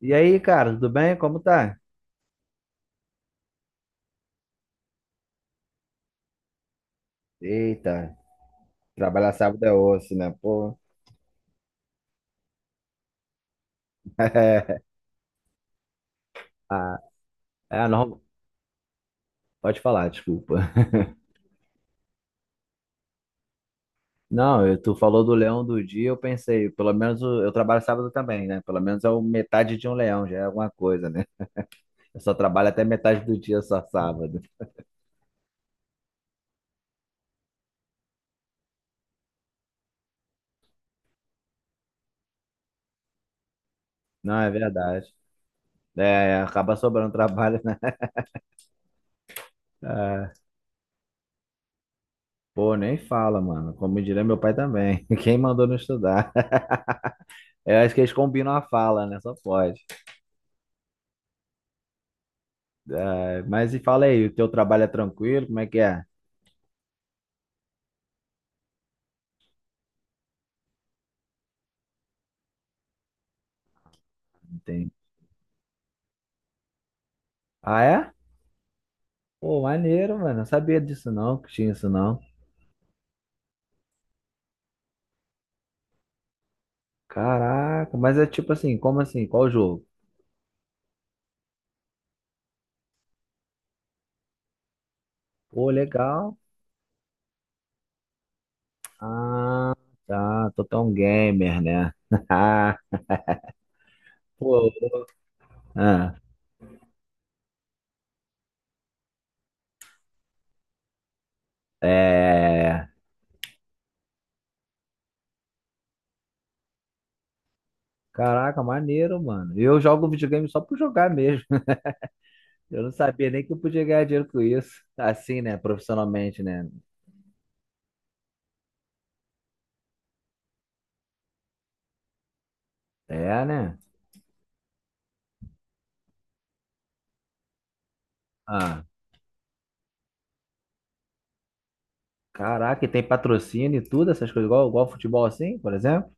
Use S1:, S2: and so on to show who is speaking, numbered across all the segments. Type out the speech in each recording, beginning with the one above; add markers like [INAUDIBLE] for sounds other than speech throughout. S1: E aí, cara, tudo bem? Como tá? Eita, trabalhar sábado é osso, né? Pô. [LAUGHS] É é, não, pode falar, desculpa. Não, tu falou do leão do dia, eu pensei, pelo menos eu trabalho sábado também, né? Pelo menos é o metade de um leão, já é alguma coisa, né? Eu só trabalho até metade do dia, só sábado. Não, é verdade. É, acaba sobrando trabalho, né? [LAUGHS] Ah, pô, nem fala, mano. Como diria meu pai também. [LAUGHS] Quem mandou não estudar? [LAUGHS] Eu acho que eles combinam a fala, né? Só pode. Ah, mas e fala aí, o teu trabalho é tranquilo? Como é que é? Entendi. Ah, é? Pô, maneiro, mano. Não sabia disso não, que tinha isso não. Caraca, mas é tipo assim, como assim? Qual o jogo? Pô, legal. Ah, tá. Tô tão gamer, né? [LAUGHS] Pô, ah, é. Caraca, maneiro, mano. Eu jogo videogame só por jogar mesmo. [LAUGHS] Eu não sabia nem que eu podia ganhar dinheiro com isso. Assim, né? Profissionalmente, né? É, né? Ah. Caraca, e tem patrocínio e tudo, essas coisas, igual, igual futebol assim, por exemplo?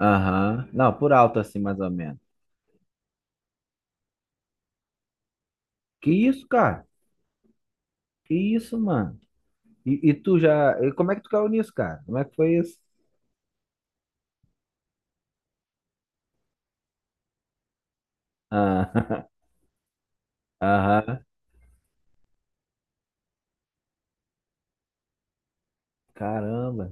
S1: Aham. Não, por alto assim, mais ou menos. Que isso, cara? Que isso, mano? E tu já. E como é que tu caiu nisso, cara? Como é que foi isso? Ah, [LAUGHS] Aham. Caramba.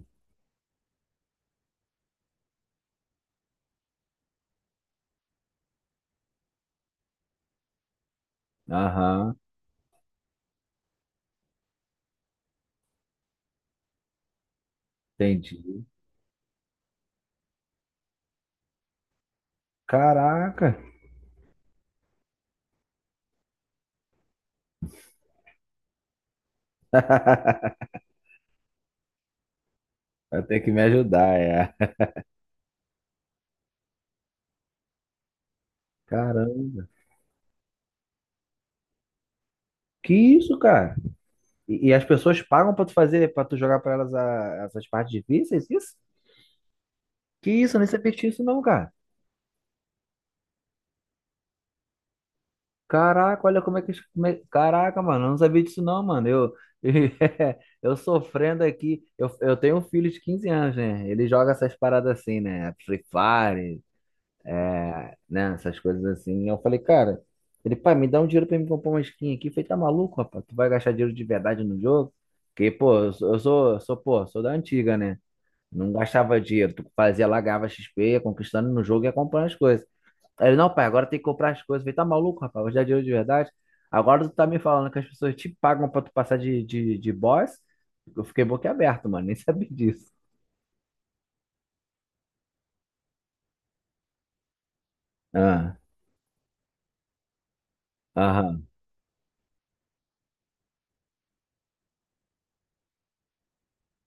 S1: Aham. Entendi. Caraca. [LAUGHS] Vai ter que me ajudar, é. Caramba. Que isso, cara? E as pessoas pagam pra tu fazer, pra tu jogar pra elas essas partes difíceis, isso? Que isso, eu nem sabia disso não, cara. Caraca, olha como é que. Como é- Caraca, mano, eu não sabia disso não, mano. Eu, [LAUGHS] eu sofrendo aqui. Eu tenho um filho de 15 anos, né? Ele joga essas paradas assim, né? Free Fire, né? Essas coisas assim. Eu falei, cara, ele, pai, me dá um dinheiro pra me comprar uma skin aqui. Eu falei, tá maluco, rapaz? Tu vai gastar dinheiro de verdade no jogo? Porque, pô, sou da antiga, né? Não gastava dinheiro. Tu fazia lá, ganhava XP, ia conquistando no jogo e ia comprando as coisas. Aí ele, não, pai, agora tem que comprar as coisas. Eu falei, tá maluco, rapaz? Hoje é dinheiro de verdade. Agora tu tá me falando que as pessoas te pagam pra tu passar de boss? Eu fiquei boquiaberto, mano. [LAUGHS] Nem sabia disso. Ah, aham.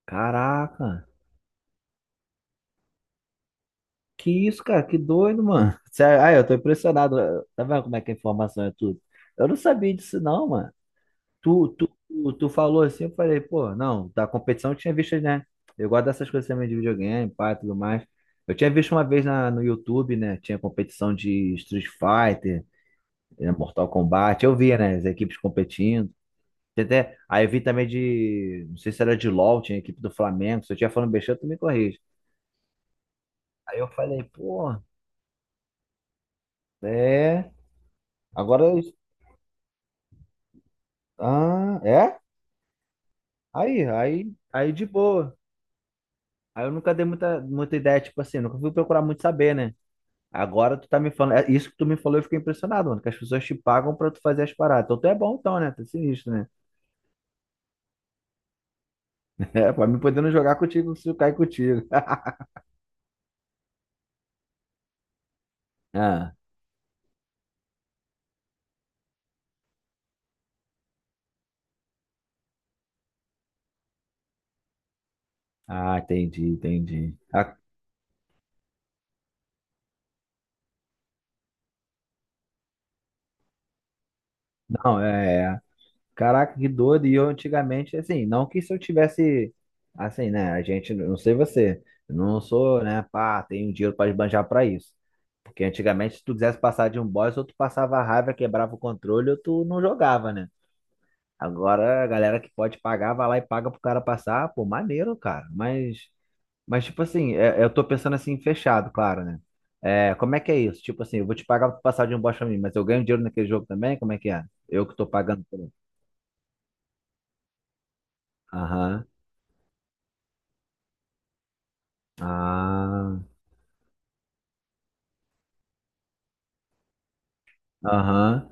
S1: Caraca. Que isso, cara? Que doido, mano. Sério, Ah, eu tô impressionado. Tá vendo como é que a informação é tudo? Eu não sabia disso, não, mano. Tu falou assim, eu falei, pô, não, da competição eu tinha visto, né? Eu gosto dessas coisas também de videogame, pá, tudo mais. Eu tinha visto uma vez no YouTube, né? Tinha competição de Street Fighter, Mortal Kombat. Eu via, né? As equipes competindo. Tem Até, aí eu vi também de, não sei se era de LoL, tinha a equipe do Flamengo. Se eu tinha falando besteira, tu me corrige. Aí eu falei, pô, é. Agora, ah, é? Aí de boa. Aí eu nunca dei muita ideia, tipo assim, nunca fui procurar muito saber, né? Agora tu tá me falando, é isso que tu me falou, eu fiquei impressionado, mano, que as pessoas te pagam pra tu fazer as paradas. Então tu é bom então, né? Tu é sinistro, né? [LAUGHS] É, pra mim podendo jogar contigo se eu cair contigo. [LAUGHS] Ah, ah, entendi, entendi. Ah, não, é, é. Caraca, que doido. E eu antigamente, assim, não que se eu tivesse, assim, né? A gente, não sei você, eu não sou, né? Pá, tenho dinheiro pra esbanjar pra isso. Porque antigamente, se tu quisesse passar de um boss, ou tu passava raiva, quebrava o controle, ou tu não jogava, né? Agora a galera que pode pagar, vai lá e paga pro cara passar. Pô, maneiro, cara. Mas tipo assim, eu tô pensando assim, fechado, claro, né? É, como é que é isso? Tipo assim, eu vou te pagar pra passar de um bosta pra mim, mas eu ganho dinheiro naquele jogo também? Como é que é? Eu que tô pagando por ele. Aham. Ah, aham.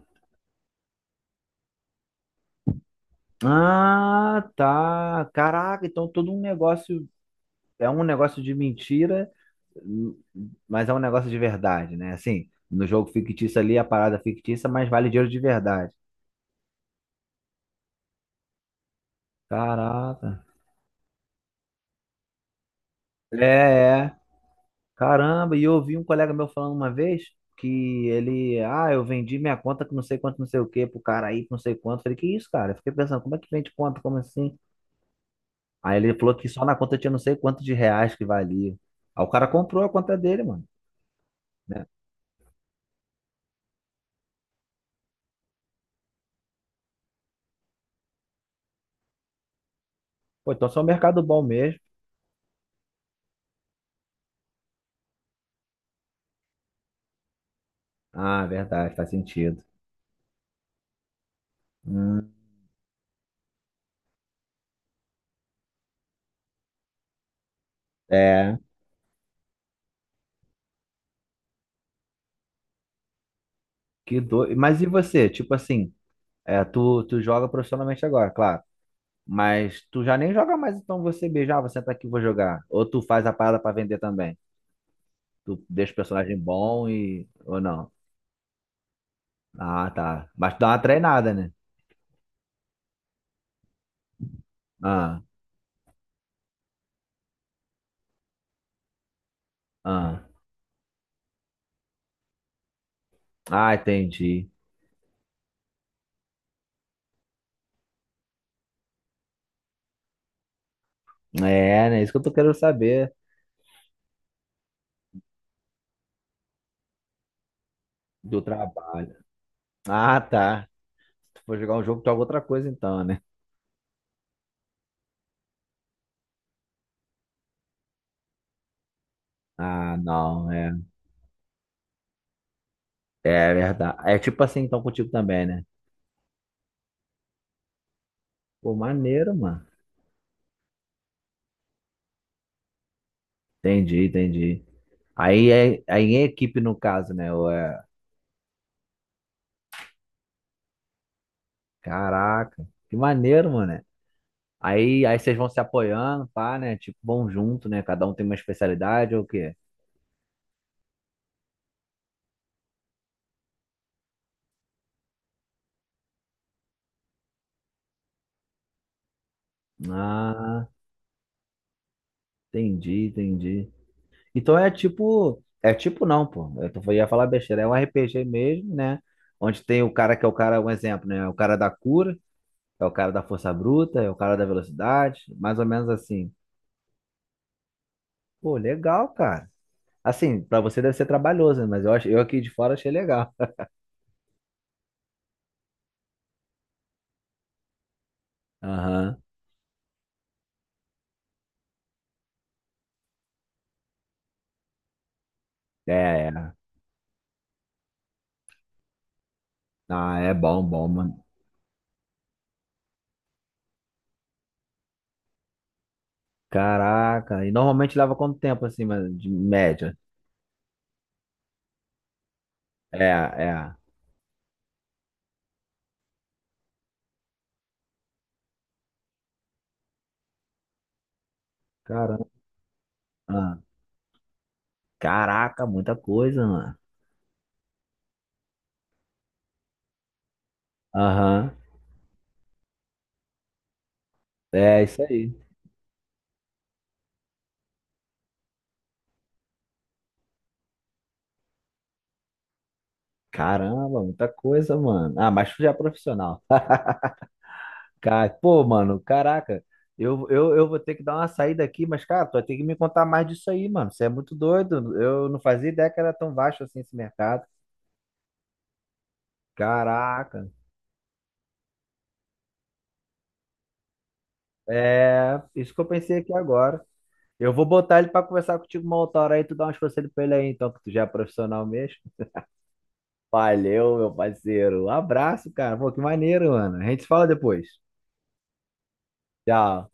S1: Ah, tá. Caraca, então todo um negócio é um negócio de mentira, hum, mas é um negócio de verdade, né? Assim, no jogo fictício ali, a parada é fictícia, mas vale dinheiro de verdade. Caraca. É, é. Caramba, e eu ouvi um colega meu falando uma vez que ele, ah, eu vendi minha conta com não sei quanto, não sei o quê, pro cara aí, com não sei quanto. Falei, que isso, cara? Eu fiquei pensando, como é que vende conta? Como assim? Aí ele falou que só na conta tinha não sei quanto de reais que valia. Aí o cara comprou a conta dele, mano, né? Pô, então só é um mercado bom mesmo. Ah, verdade, faz sentido. Hum, é, que doido. Mas e você? Tipo assim, é, tu joga profissionalmente agora, claro. Mas tu já nem joga mais, então você beijar, você tá aqui, vou jogar. Ou tu faz a parada pra vender também. Tu deixa o personagem bom e. Ou não. Ah, tá. Mas tu dá uma treinada, né? Ah, ah. Ah, entendi. É, né? Isso que eu tô querendo saber do trabalho. Ah, tá. Se tu for jogar um jogo, tu joga outra coisa então, né? Ah, não, é. É verdade. É tipo assim, então, contigo também, né? Pô, maneiro, mano. Entendi, entendi. Aí é equipe no caso, né? Caraca, que maneiro, mano. Aí vocês vão se apoiando, pá, né? Tipo, vão junto, né? Cada um tem uma especialidade ou o quê? Ah, entendi, entendi. Então é tipo não, pô. Eu tô, ia falar besteira, é um RPG mesmo, né? Onde tem o cara que é o cara, um exemplo, né? O cara da cura, é o cara da força bruta, é o cara da velocidade, mais ou menos assim. Pô, legal, cara. Assim, pra você deve ser trabalhoso, né? Mas eu acho, eu aqui de fora achei legal. Aham. É, é. Ah, é bom, bom, mano. Caraca, e normalmente leva quanto tempo assim, mas de média? É, é. Caramba. Ah, Caraca, muita coisa, mano. Aham. É isso aí. Caramba, muita coisa, mano. Ah, mas tu já é profissional. Cara, pô, mano, caraca. Eu vou ter que dar uma saída aqui, mas, cara, tu vai ter que me contar mais disso aí, mano. Você é muito doido. Eu não fazia ideia que era tão baixo assim esse mercado. Caraca. É, isso que eu pensei aqui agora. Eu vou botar ele pra conversar contigo uma outra hora aí, tu dá umas conselhos pra ele aí, então, que tu já é profissional mesmo. Valeu, meu parceiro. Um abraço, cara. Pô, que maneiro, mano. A gente se fala depois. Tchau.